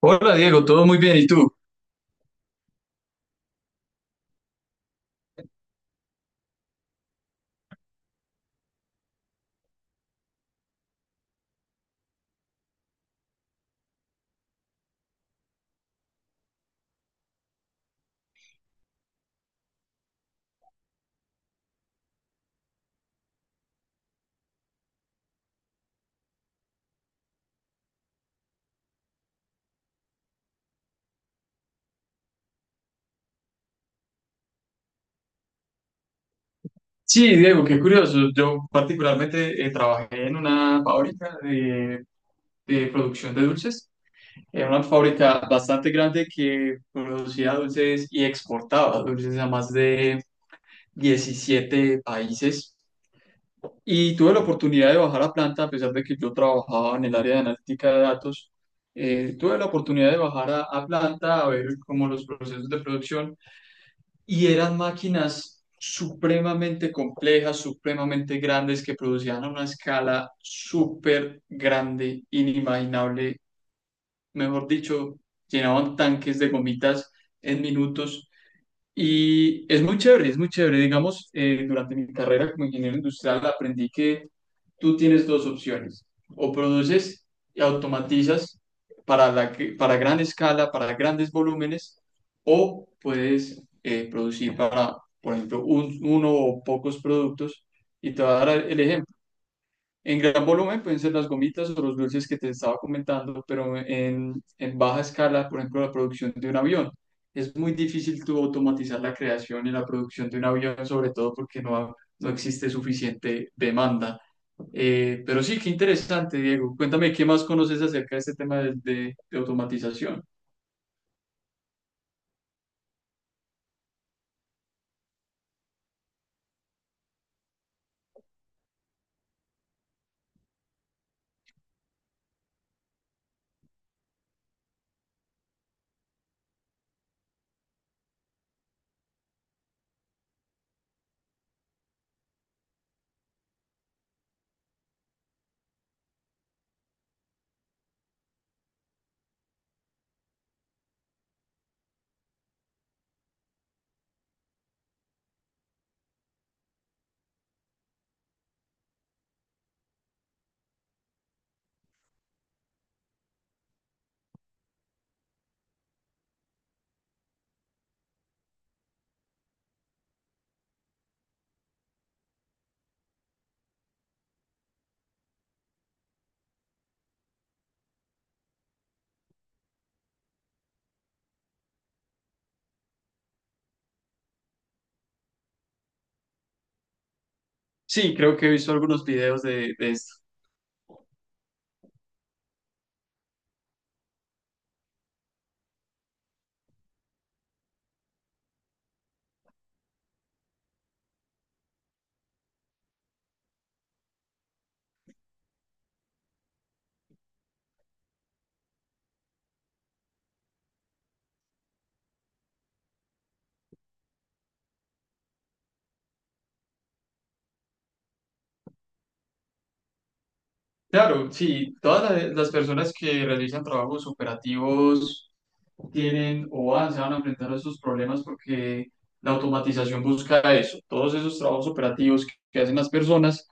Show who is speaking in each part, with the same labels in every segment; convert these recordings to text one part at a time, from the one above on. Speaker 1: Hola Diego, todo muy bien. ¿Y tú? Sí, Diego, qué curioso. Yo particularmente trabajé en una fábrica de producción de dulces. Era una fábrica bastante grande que producía dulces y exportaba dulces a más de 17 países. Y tuve la oportunidad de bajar a planta, a pesar de que yo trabajaba en el área de analítica de datos. Tuve la oportunidad de bajar a planta a ver cómo los procesos de producción, y eran máquinas supremamente complejas, supremamente grandes, que producían a una escala súper grande, inimaginable. Mejor dicho, llenaban tanques de gomitas en minutos y es muy chévere, es muy chévere. Digamos, durante mi carrera como ingeniero industrial aprendí que tú tienes dos opciones. O produces y automatizas para, para gran escala, para grandes volúmenes, o puedes producir para, por ejemplo, uno o pocos productos. Y te voy a dar el ejemplo. En gran volumen pueden ser las gomitas o los dulces que te estaba comentando, pero en baja escala, por ejemplo, la producción de un avión. Es muy difícil tú automatizar la creación y la producción de un avión, sobre todo porque no, no existe suficiente demanda. Pero sí, qué interesante, Diego. Cuéntame, ¿qué más conoces acerca de este tema de automatización? Sí, creo que he visto algunos videos de esto. Claro, sí, las personas que realizan trabajos operativos tienen o van, se van a enfrentar a esos problemas porque la automatización busca eso, todos esos trabajos operativos que hacen las personas,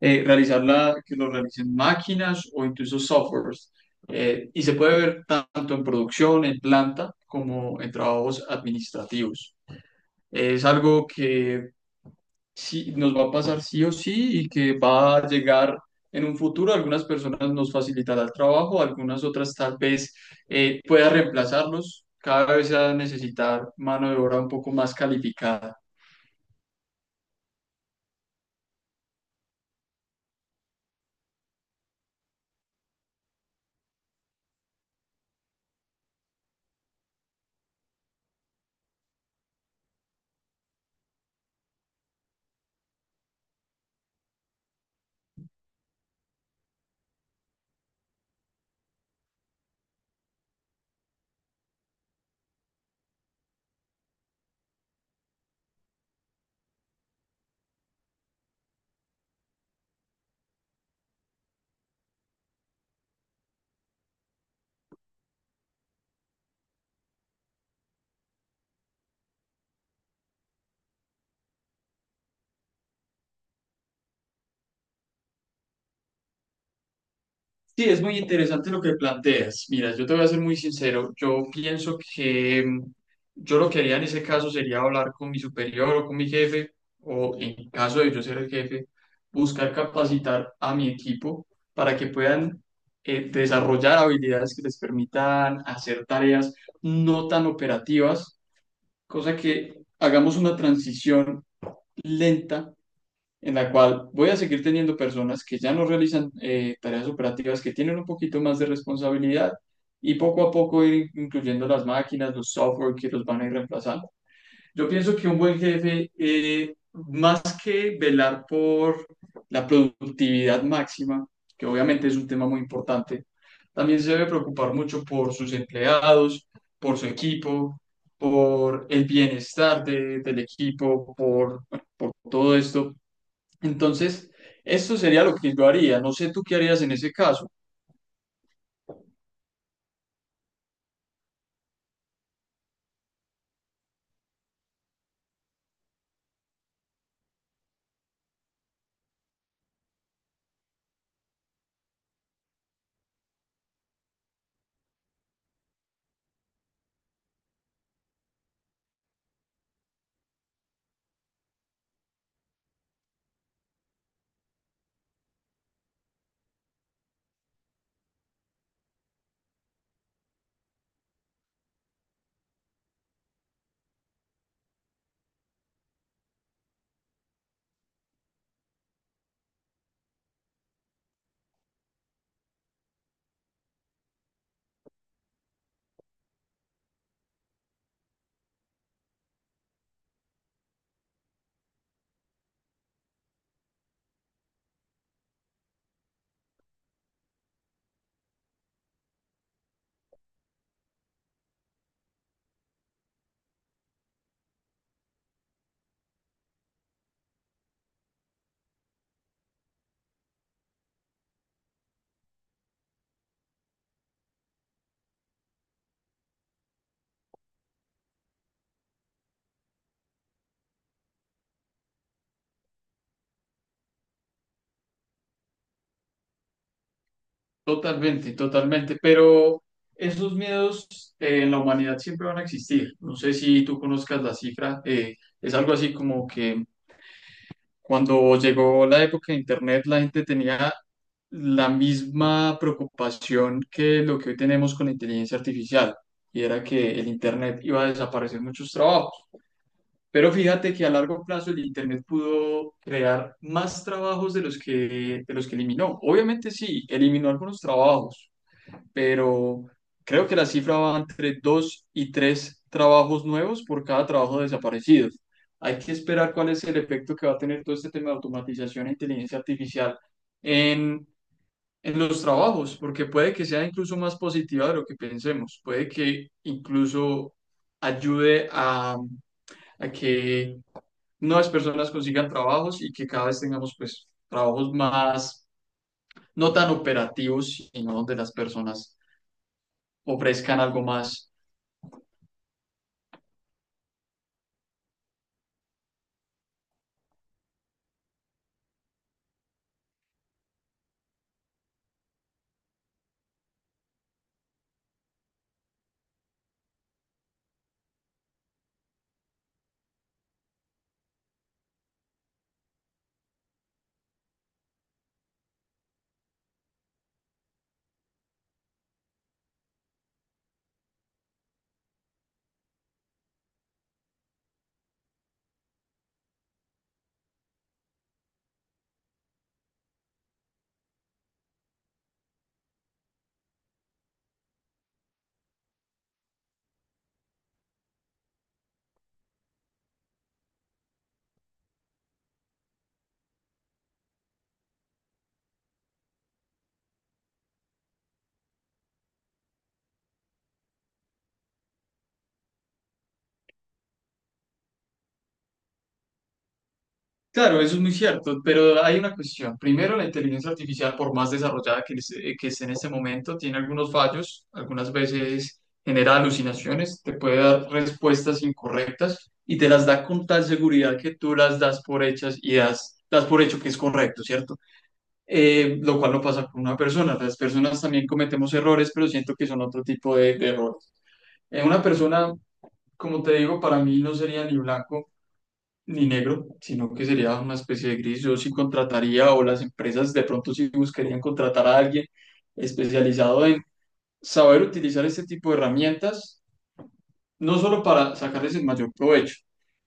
Speaker 1: realizarla, que lo realicen máquinas o incluso softwares. Y se puede ver tanto en producción, en planta, como en trabajos administrativos. Es algo que sí, nos va a pasar sí o sí y que va a llegar en un futuro. Algunas personas nos facilitará el trabajo, algunas otras tal vez pueda reemplazarnos. Cada vez se va a necesitar mano de obra un poco más calificada. Sí, es muy interesante lo que planteas. Mira, yo te voy a ser muy sincero. Yo pienso que yo lo que haría en ese caso sería hablar con mi superior o con mi jefe, o en caso de yo ser el jefe, buscar capacitar a mi equipo para que puedan desarrollar habilidades que les permitan hacer tareas no tan operativas, cosa que hagamos una transición lenta en la cual voy a seguir teniendo personas que ya no realizan tareas operativas, que tienen un poquito más de responsabilidad, y poco a poco ir incluyendo las máquinas, los software que los van a ir reemplazando. Yo pienso que un buen jefe, más que velar por la productividad máxima, que obviamente es un tema muy importante, también se debe preocupar mucho por sus empleados, por su equipo, por el bienestar del equipo, por, bueno, por todo esto. Entonces, esto sería lo que yo haría. No sé tú qué harías en ese caso. Totalmente, totalmente. Pero esos miedos, en la humanidad siempre van a existir. No sé si tú conozcas la cifra. Es algo así como que cuando llegó la época de Internet, la gente tenía la misma preocupación que lo que hoy tenemos con la inteligencia artificial. Y era que el Internet iba a desaparecer muchos trabajos. Pero fíjate que a largo plazo el Internet pudo crear más trabajos de los que eliminó. Obviamente sí, eliminó algunos trabajos, pero creo que la cifra va entre dos y tres trabajos nuevos por cada trabajo desaparecido. Hay que esperar cuál es el efecto que va a tener todo este tema de automatización e inteligencia artificial en, en los trabajos, porque puede que sea incluso más positiva de lo que pensemos, puede que incluso ayude a que nuevas personas consigan trabajos y que cada vez tengamos pues trabajos más, no tan operativos, sino donde las personas ofrezcan algo más. Claro, eso es muy cierto, pero hay una cuestión. Primero, la inteligencia artificial, por más desarrollada que esté en este momento, tiene algunos fallos, algunas veces genera alucinaciones, te puede dar respuestas incorrectas y te las da con tal seguridad que tú las das por hechas y das por hecho que es correcto, ¿cierto? Lo cual no pasa con una persona. Las personas también cometemos errores, pero siento que son otro tipo de errores. Una persona, como te digo, para mí no sería ni blanco ni negro, sino que sería una especie de gris. Yo sí contrataría, o las empresas de pronto sí buscarían contratar a alguien especializado en saber utilizar este tipo de herramientas no solo para sacarles el mayor provecho,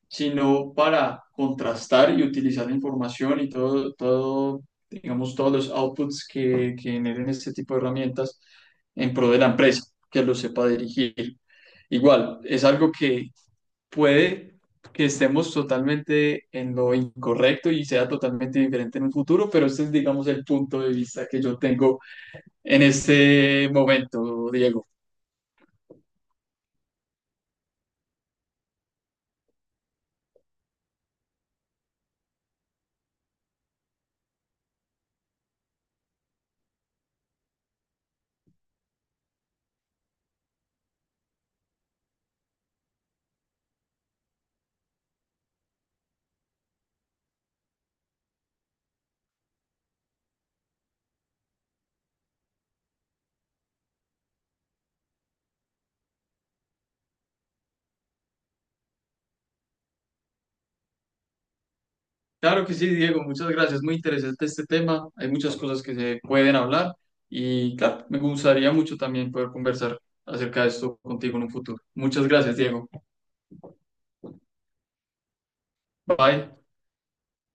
Speaker 1: sino para contrastar y utilizar la información y todo, todo, digamos, todos los outputs que generen este tipo de herramientas en pro de la empresa, que lo sepa dirigir. Igual, es algo que puede que estemos totalmente en lo incorrecto y sea totalmente diferente en un futuro, pero este es, digamos, el punto de vista que yo tengo en este momento, Diego. Claro que sí, Diego, muchas gracias. Muy interesante este tema. Hay muchas cosas que se pueden hablar y claro, me gustaría mucho también poder conversar acerca de esto contigo en un futuro. Muchas gracias, Diego. Bye.